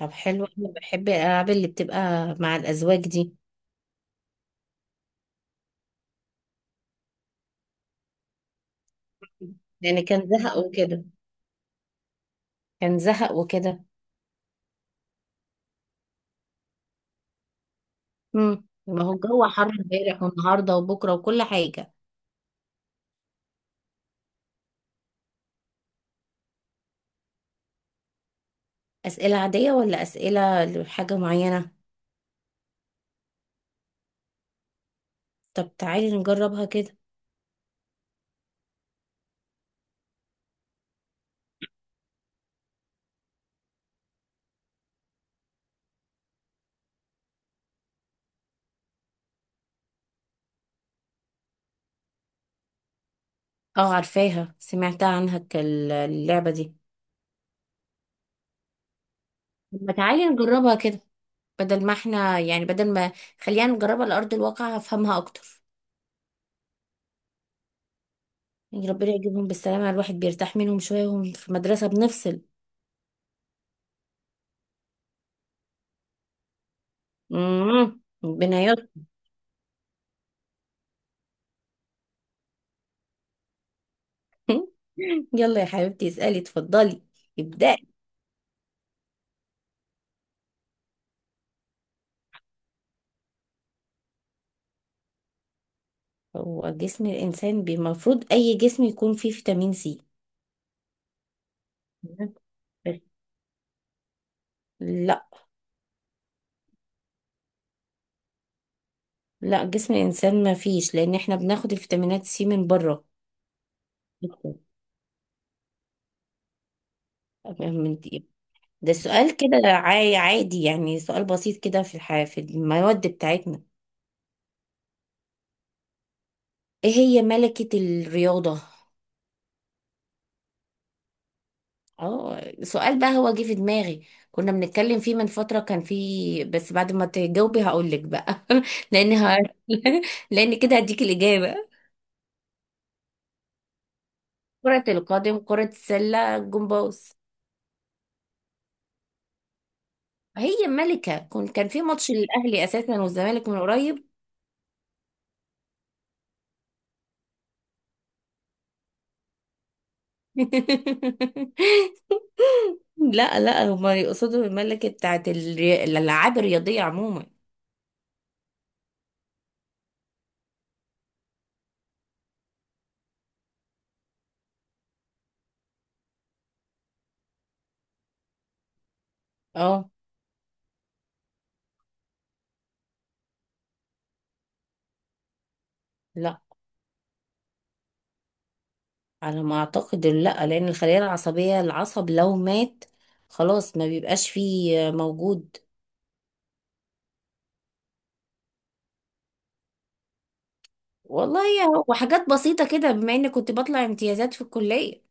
طب حلو، انا بحب الالعاب اللي بتبقى مع الازواج دي. لان كان زهق وكده. ما هو الجو حر امبارح والنهارده وبكره وكل حاجه. اسئله عاديه ولا اسئله لحاجه معينه؟ طب تعالي نجربها كده. اه، عارفاها، سمعتها عنها. اللعبه دي. طب ما تعالي نجربها كده. بدل ما خلينا نجربها على ارض الواقع، هفهمها اكتر. يعني ربنا يجيبهم بالسلامه، الواحد بيرتاح منهم شويه وهم في مدرسه بنفصل. ربنا. يلا يا حبيبتي، اسألي، اتفضلي، ابدأي. هو جسم الإنسان المفروض أي جسم يكون فيه فيتامين سي، بس. لا. لا، جسم الإنسان ما فيش، لأن احنا بناخد الفيتامينات سي من بره، من دي. ده سؤال كده عادي، يعني سؤال بسيط كده في الحياة في المواد بتاعتنا. ايه هي ملكة الرياضة؟ اه، سؤال بقى هو جه في دماغي. كنا بنتكلم فيه من فترة، كان فيه، بس بعد ما تجاوبي هقول لك بقى. لان ه... لان كده هديك الإجابة. كرة القدم، كرة السلة، الجمباز. هي ملكة. كان في ماتش للأهلي أساسا والزمالك من قريب. لا، لا، هما يقصدوا الملكة بتاعت الألعاب الرياضية عموما. اه، لا، على ما اعتقد لا، لان الخلايا العصبيه، العصب لو مات خلاص ما بيبقاش فيه موجود. والله وحاجات بسيطه كده، بما اني كنت بطلع امتيازات في الكليه.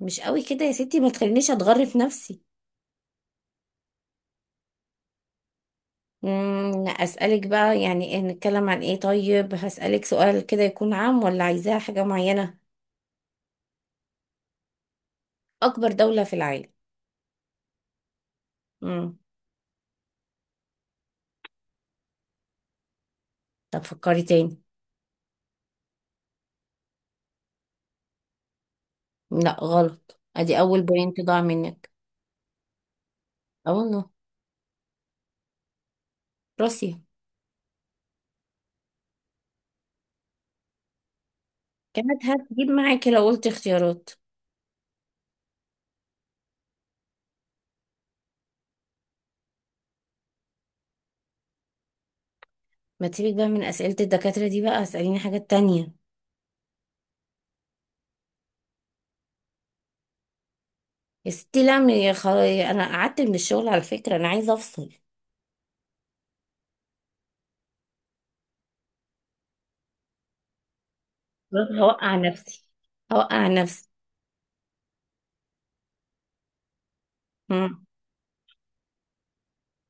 مش قوي كده يا ستي، ما تخلينيش اتغرف نفسي. اسالك بقى يعني إيه؟ نتكلم عن ايه؟ طيب هسالك سؤال كده، يكون عام ولا عايزاه حاجه معينه؟ اكبر دوله في العالم؟ امم طب فكري تاني. لا، غلط، ادي اول بوينت ضاع منك. اه والله. روسيا. كانت هتجيب معاكي لو قلت اختيارات. ما تسيبك بقى من أسئلة الدكاترة دي بقى، اسأليني حاجات تانية. يا ستي لا، أنا قعدت من الشغل على فكرة، أنا عايزة أفصل. خلاص، هوقع نفسي. هوقع نفسي. مم.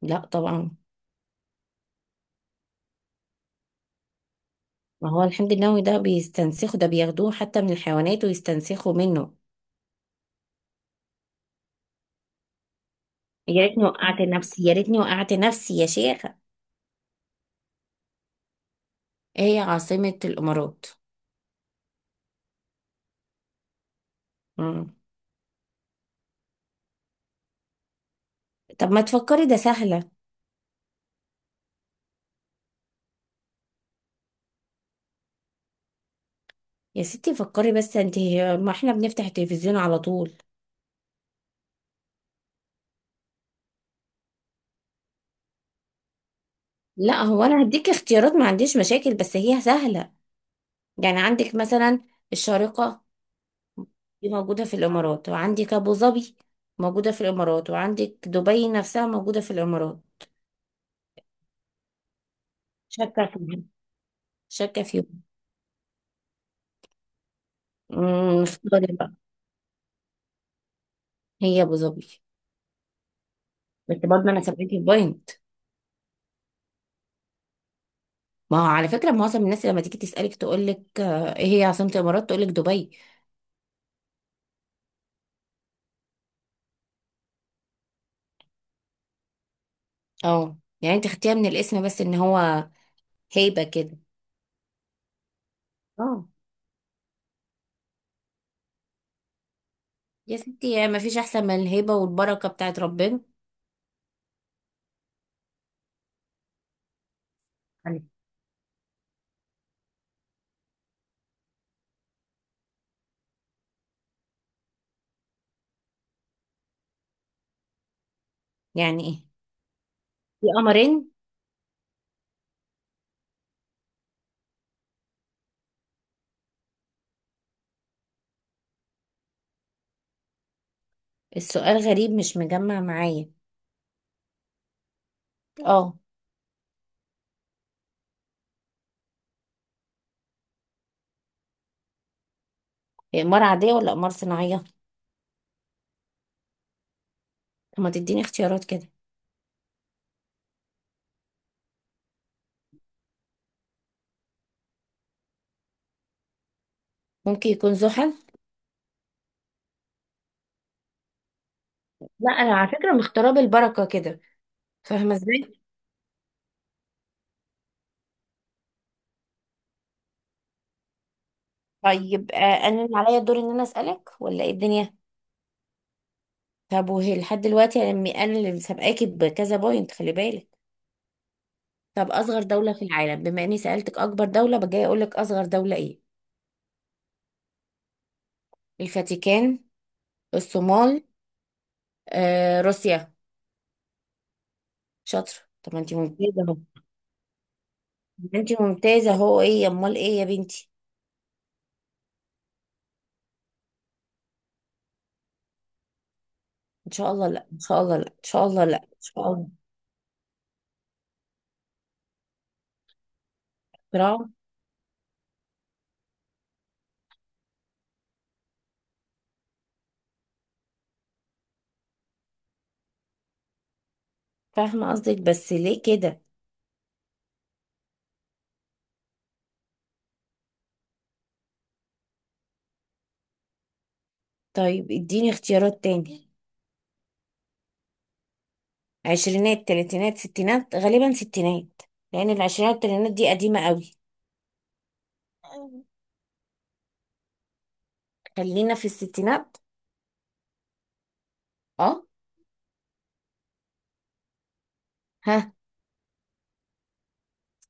لا طبعا. ما هو الحمض النووي ده بيستنسخه، ده بياخدوه حتى من الحيوانات ويستنسخوا منه. يا ريتني وقعت نفسي، يا ريتني وقعت نفسي يا شيخة. ايه هي عاصمة الإمارات؟ مم. طب ما تفكري، ده سهلة. يا ستي فكري بس انت، ما احنا بنفتح التلفزيون على طول. لا، هو انا هديك اختيارات، ما عنديش مشاكل، بس هي سهلة. يعني عندك مثلا الشارقة دي موجودة في الإمارات، وعندك أبو ظبي موجودة في الإمارات، وعندك دبي نفسها موجودة في الإمارات. شاكة فيهم. شاكة فيهم. اختاري بقى. هي أبو ظبي. بس برضه أنا سبعتي بوينت. ما هو على فكرة معظم الناس لما تيجي تسألك تقول لك، إيه هي عاصمة الإمارات، تقول لك دبي. اه، يعني أنت خدتيها من الاسم، بس إن هو هيبة كده. اه. يا ستي يعني ما فيش أحسن من الهيبة والبركة بتاعت ربنا. يعني إيه؟ في قمرين. السؤال غريب، مش مجمع معايا. اه. هي إمارة عادية ولا إمارة صناعية؟ طب ما تديني اختيارات كده. ممكن يكون زحل. لا، أنا على فكرة مختارة بالبركة كده. فاهمة ازاي؟ طيب، أنا اللي عليا الدور إن أنا أسألك ولا إيه الدنيا؟ طب وهي لحد دلوقتي أنا اللي سابقاكي بكذا بوينت، خلي بالك. طب أصغر دولة في العالم، بما إني سألتك أكبر دولة، بجاي أقول لك أصغر دولة إيه؟ الفاتيكان، الصومال، روسيا. شاطر. طب ما انت ممتازة اهو. ما انت ممتازة اهو. ايه امال ايه يا بنتي؟ ان شاء الله لا، ان شاء الله لا، ان شاء الله لا، ان شاء الله. بسرعة. فاهمة قصدك، بس ليه كده؟ طيب اديني اختيارات تاني. عشرينات، تلاتينات، ستينات، غالبا ستينات، لان العشرينات والتلاتينات دي قديمة قوي. خلينا في الستينات. اه. ها.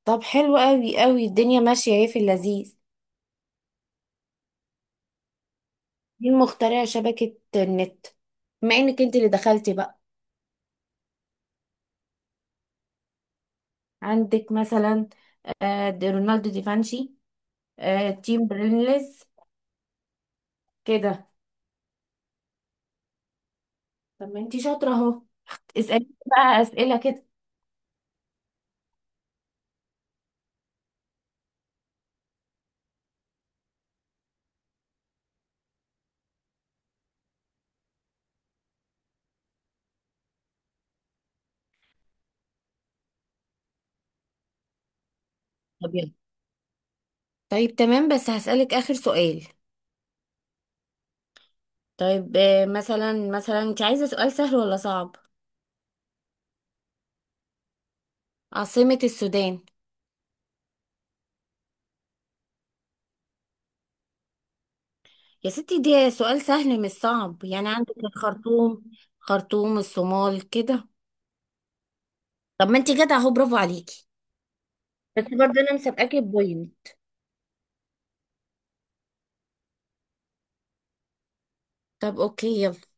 طب حلو قوي قوي، الدنيا ماشية اهي في اللذيذ. مين مخترع شبكة النت؟ بما انك انت اللي دخلتي بقى. عندك مثلا، دي رونالدو دي فانشي، تيم برينلز، كده. طب ما انتي شاطرة اهو. اسألي بقى أسئلة كده. طب يلا. طيب تمام، بس هسألك آخر سؤال. طيب، مثلا انت عايزة سؤال سهل ولا صعب؟ عاصمة السودان؟ يا ستي دي سؤال سهل مش صعب، يعني عندك الخرطوم، خرطوم الصومال كده. طب ما انت جدع اهو، برافو عليكي. بس برضه انا مسابقاكي بوينت. طب اوكي، يلا.